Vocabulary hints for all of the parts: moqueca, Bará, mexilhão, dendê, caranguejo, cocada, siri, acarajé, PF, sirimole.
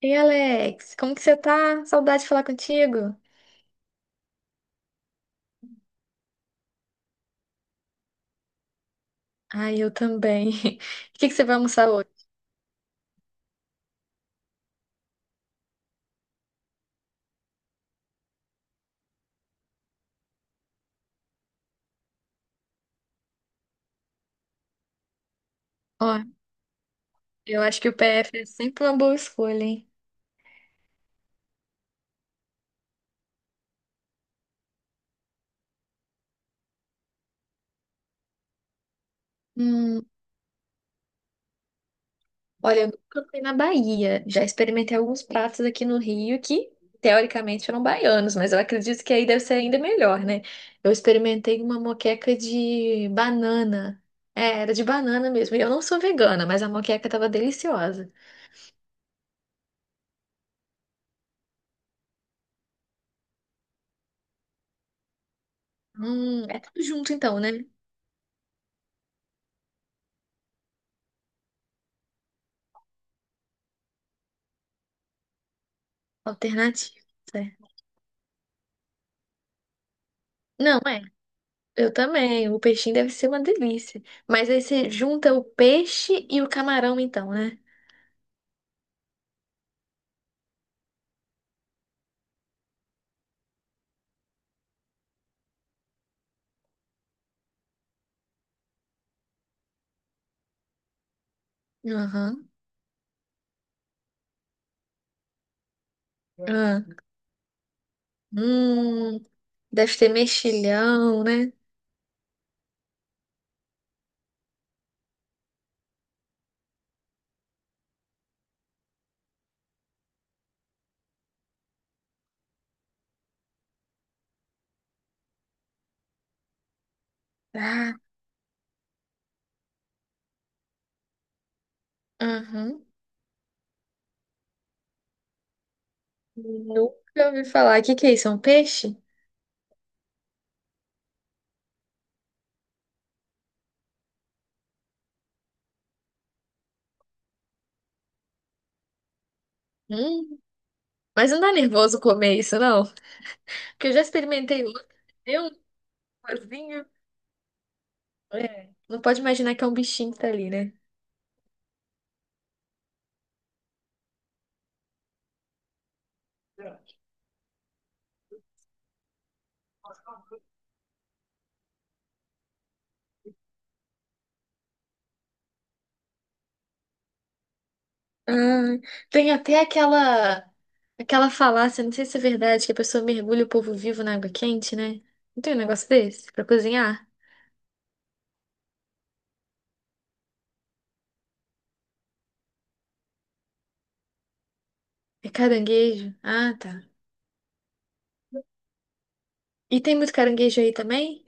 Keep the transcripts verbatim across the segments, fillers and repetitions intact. Ei, Alex, como que você tá? Saudade de falar contigo. Ai, eu também. O que que você vai almoçar hoje? Ó, eu acho que o P F é sempre uma boa escolha, hein? Hum, olha, eu nunca fui na Bahia. Já experimentei alguns pratos aqui no Rio que, teoricamente, eram baianos, mas eu acredito que aí deve ser ainda melhor, né? Eu experimentei uma moqueca de banana. É, era de banana mesmo. E eu não sou vegana, mas a moqueca tava deliciosa. Hum, é tudo junto então, né? Alternativa. Não, é. Eu também. O peixinho deve ser uma delícia. Mas aí você junta o peixe e o camarão, então, né? Aham. Ah. Hum, deve ter mexilhão, né? Ah, aham. Nunca ouvi falar. O que que é isso? É um peixe? Hum, mas não dá nervoso comer isso, não? Porque eu já experimentei outro. Deu um nervosinho. É. Não pode imaginar que é um bichinho que tá ali, né? Ah, tem até aquela aquela falácia, não sei se é verdade, que a pessoa mergulha o povo vivo na água quente, né? Não tem um negócio desse pra cozinhar? É caranguejo. Ah, tá. E tem muito caranguejo aí também?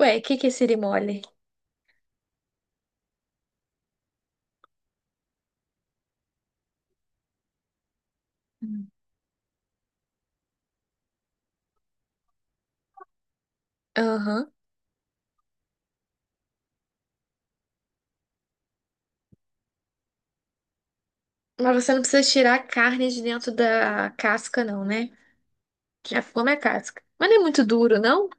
Ué, o que que é sirimole? Hum. Aham. Mas você não precisa tirar a carne de dentro da casca, não, né? Já come a casca. Mas não é muito duro, não?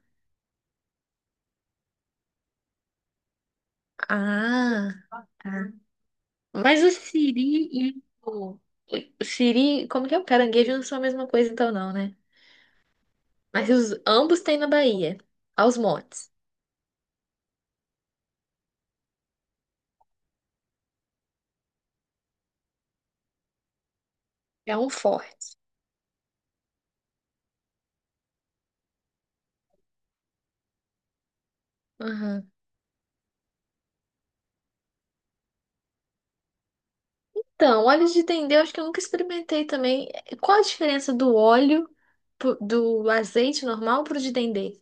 Ah, tá. Mas o siri e o... O Siri, como que é? O caranguejo não são a mesma coisa, então, não, né? Mas os, ambos têm na Bahia, aos montes. É um forte. Aham. Então, óleo de dendê, eu acho que eu nunca experimentei também. Qual a diferença do óleo, pro- do azeite normal pro de dendê?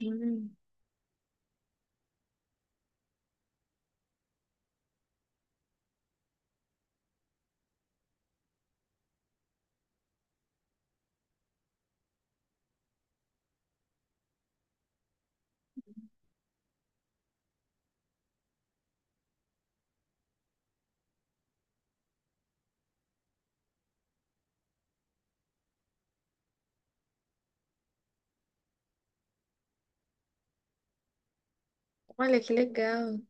Hum, olha que legal.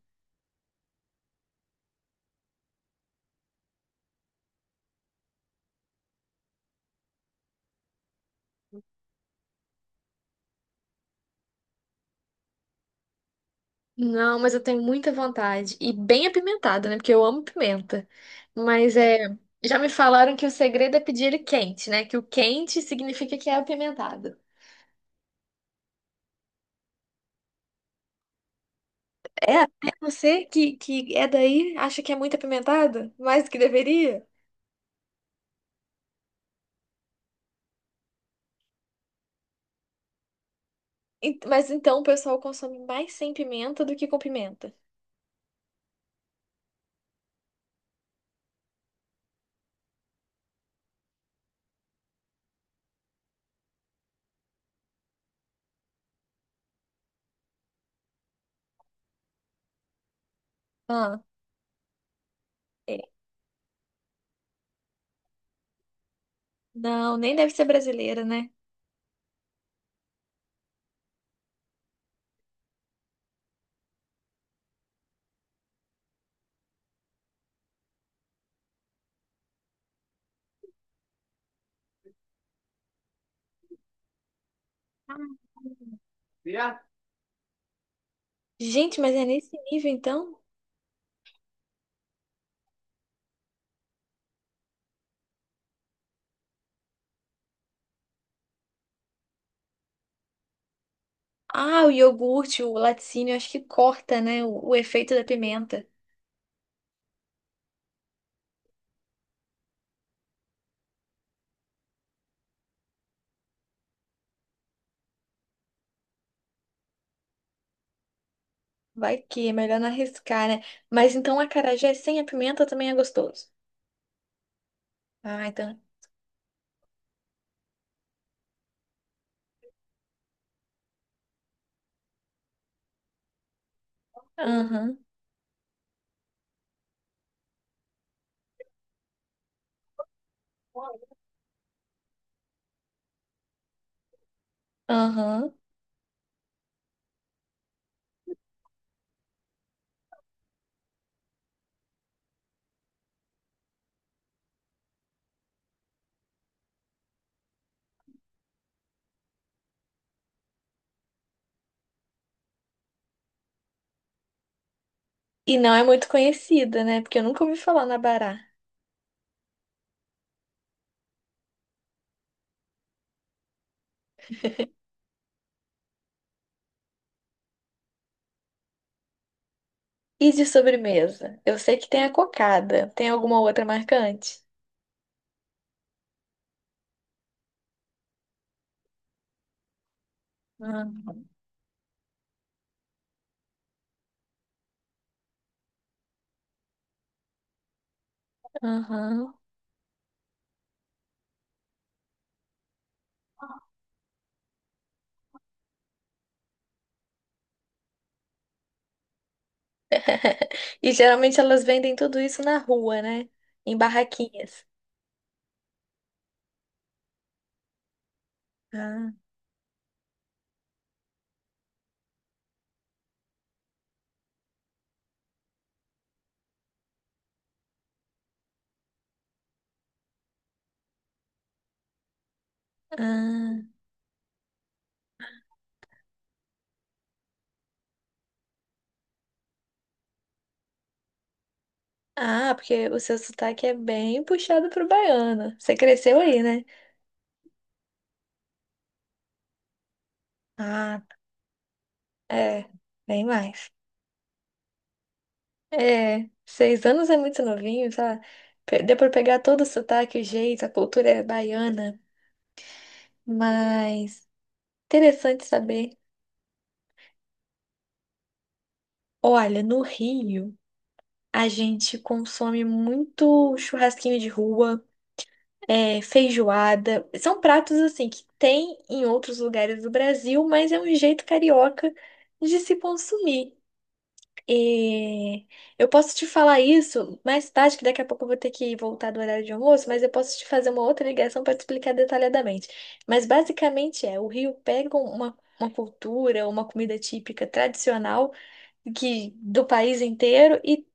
Não, mas eu tenho muita vontade. E bem apimentado, né? Porque eu amo pimenta. Mas é, já me falaram que o segredo é pedir ele quente, né? Que o quente significa que é apimentado. É, até você que, que é daí acha que é muito apimentado? Mais do que deveria? Ent- Mas então o pessoal consome mais sem pimenta do que com pimenta. Ah, é. Não, nem deve ser brasileira, né? Yeah. Gente, mas é nesse nível então? Ah, o iogurte, o laticínio, acho que corta, né? O, o efeito da pimenta. Vai que é melhor não arriscar, né? Mas então a acarajé sem a pimenta também é gostoso. Ah, então. Aham, aham. E não é muito conhecida, né? Porque eu nunca ouvi falar na Bará. E de sobremesa? Eu sei que tem a cocada. Tem alguma outra marcante? Aham. E geralmente elas vendem tudo isso na rua, né? Em barraquinhas. Ah, ah. Ah, porque o seu sotaque é bem puxado pro baiano. Você cresceu aí, né? Ah, é, bem mais. É, seis anos é muito novinho, tá? Pe- Deu pra pegar todo o sotaque, o jeito, a cultura é baiana. Mas interessante saber. Olha, no Rio, a gente consome muito churrasquinho de rua. É, feijoada. São pratos assim que tem em outros lugares do Brasil, mas é um jeito carioca de se consumir. E eu posso te falar isso mais tarde, que daqui a pouco eu vou ter que voltar do horário de almoço, mas eu posso te fazer uma outra ligação para te explicar detalhadamente. Mas basicamente é, o Rio pega uma, uma cultura, uma comida típica tradicional que do país inteiro e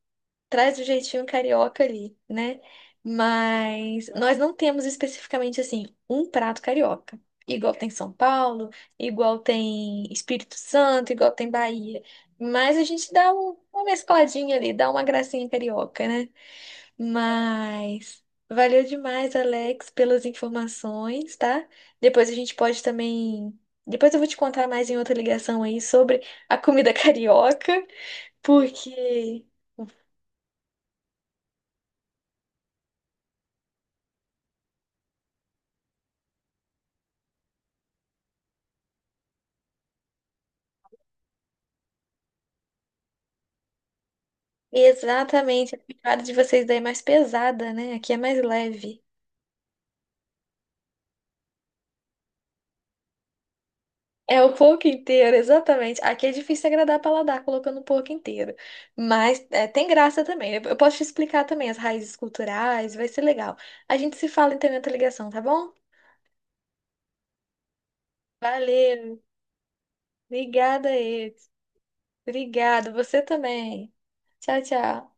traz o jeitinho carioca ali, né? Mas nós não temos especificamente assim um prato carioca. Igual tem São Paulo, igual tem Espírito Santo, igual tem Bahia. Mas a gente dá um- uma mescladinha ali, dá uma gracinha carioca, né? Mas valeu demais, Alex, pelas informações, tá? Depois a gente pode também. Depois eu vou te contar mais em outra ligação aí sobre a comida carioca, porque Exatamente, a pegada de vocês daí é mais pesada, né? Aqui é mais leve. É o porco inteiro, exatamente. Aqui é difícil agradar paladar colocando o porco inteiro. Mas é, tem graça também. Eu eu posso te explicar também as raízes culturais, vai ser legal. A gente se fala então em outra ligação, tá bom? Valeu. Obrigada, Ed. Obrigado, você também. Tchau, tchau.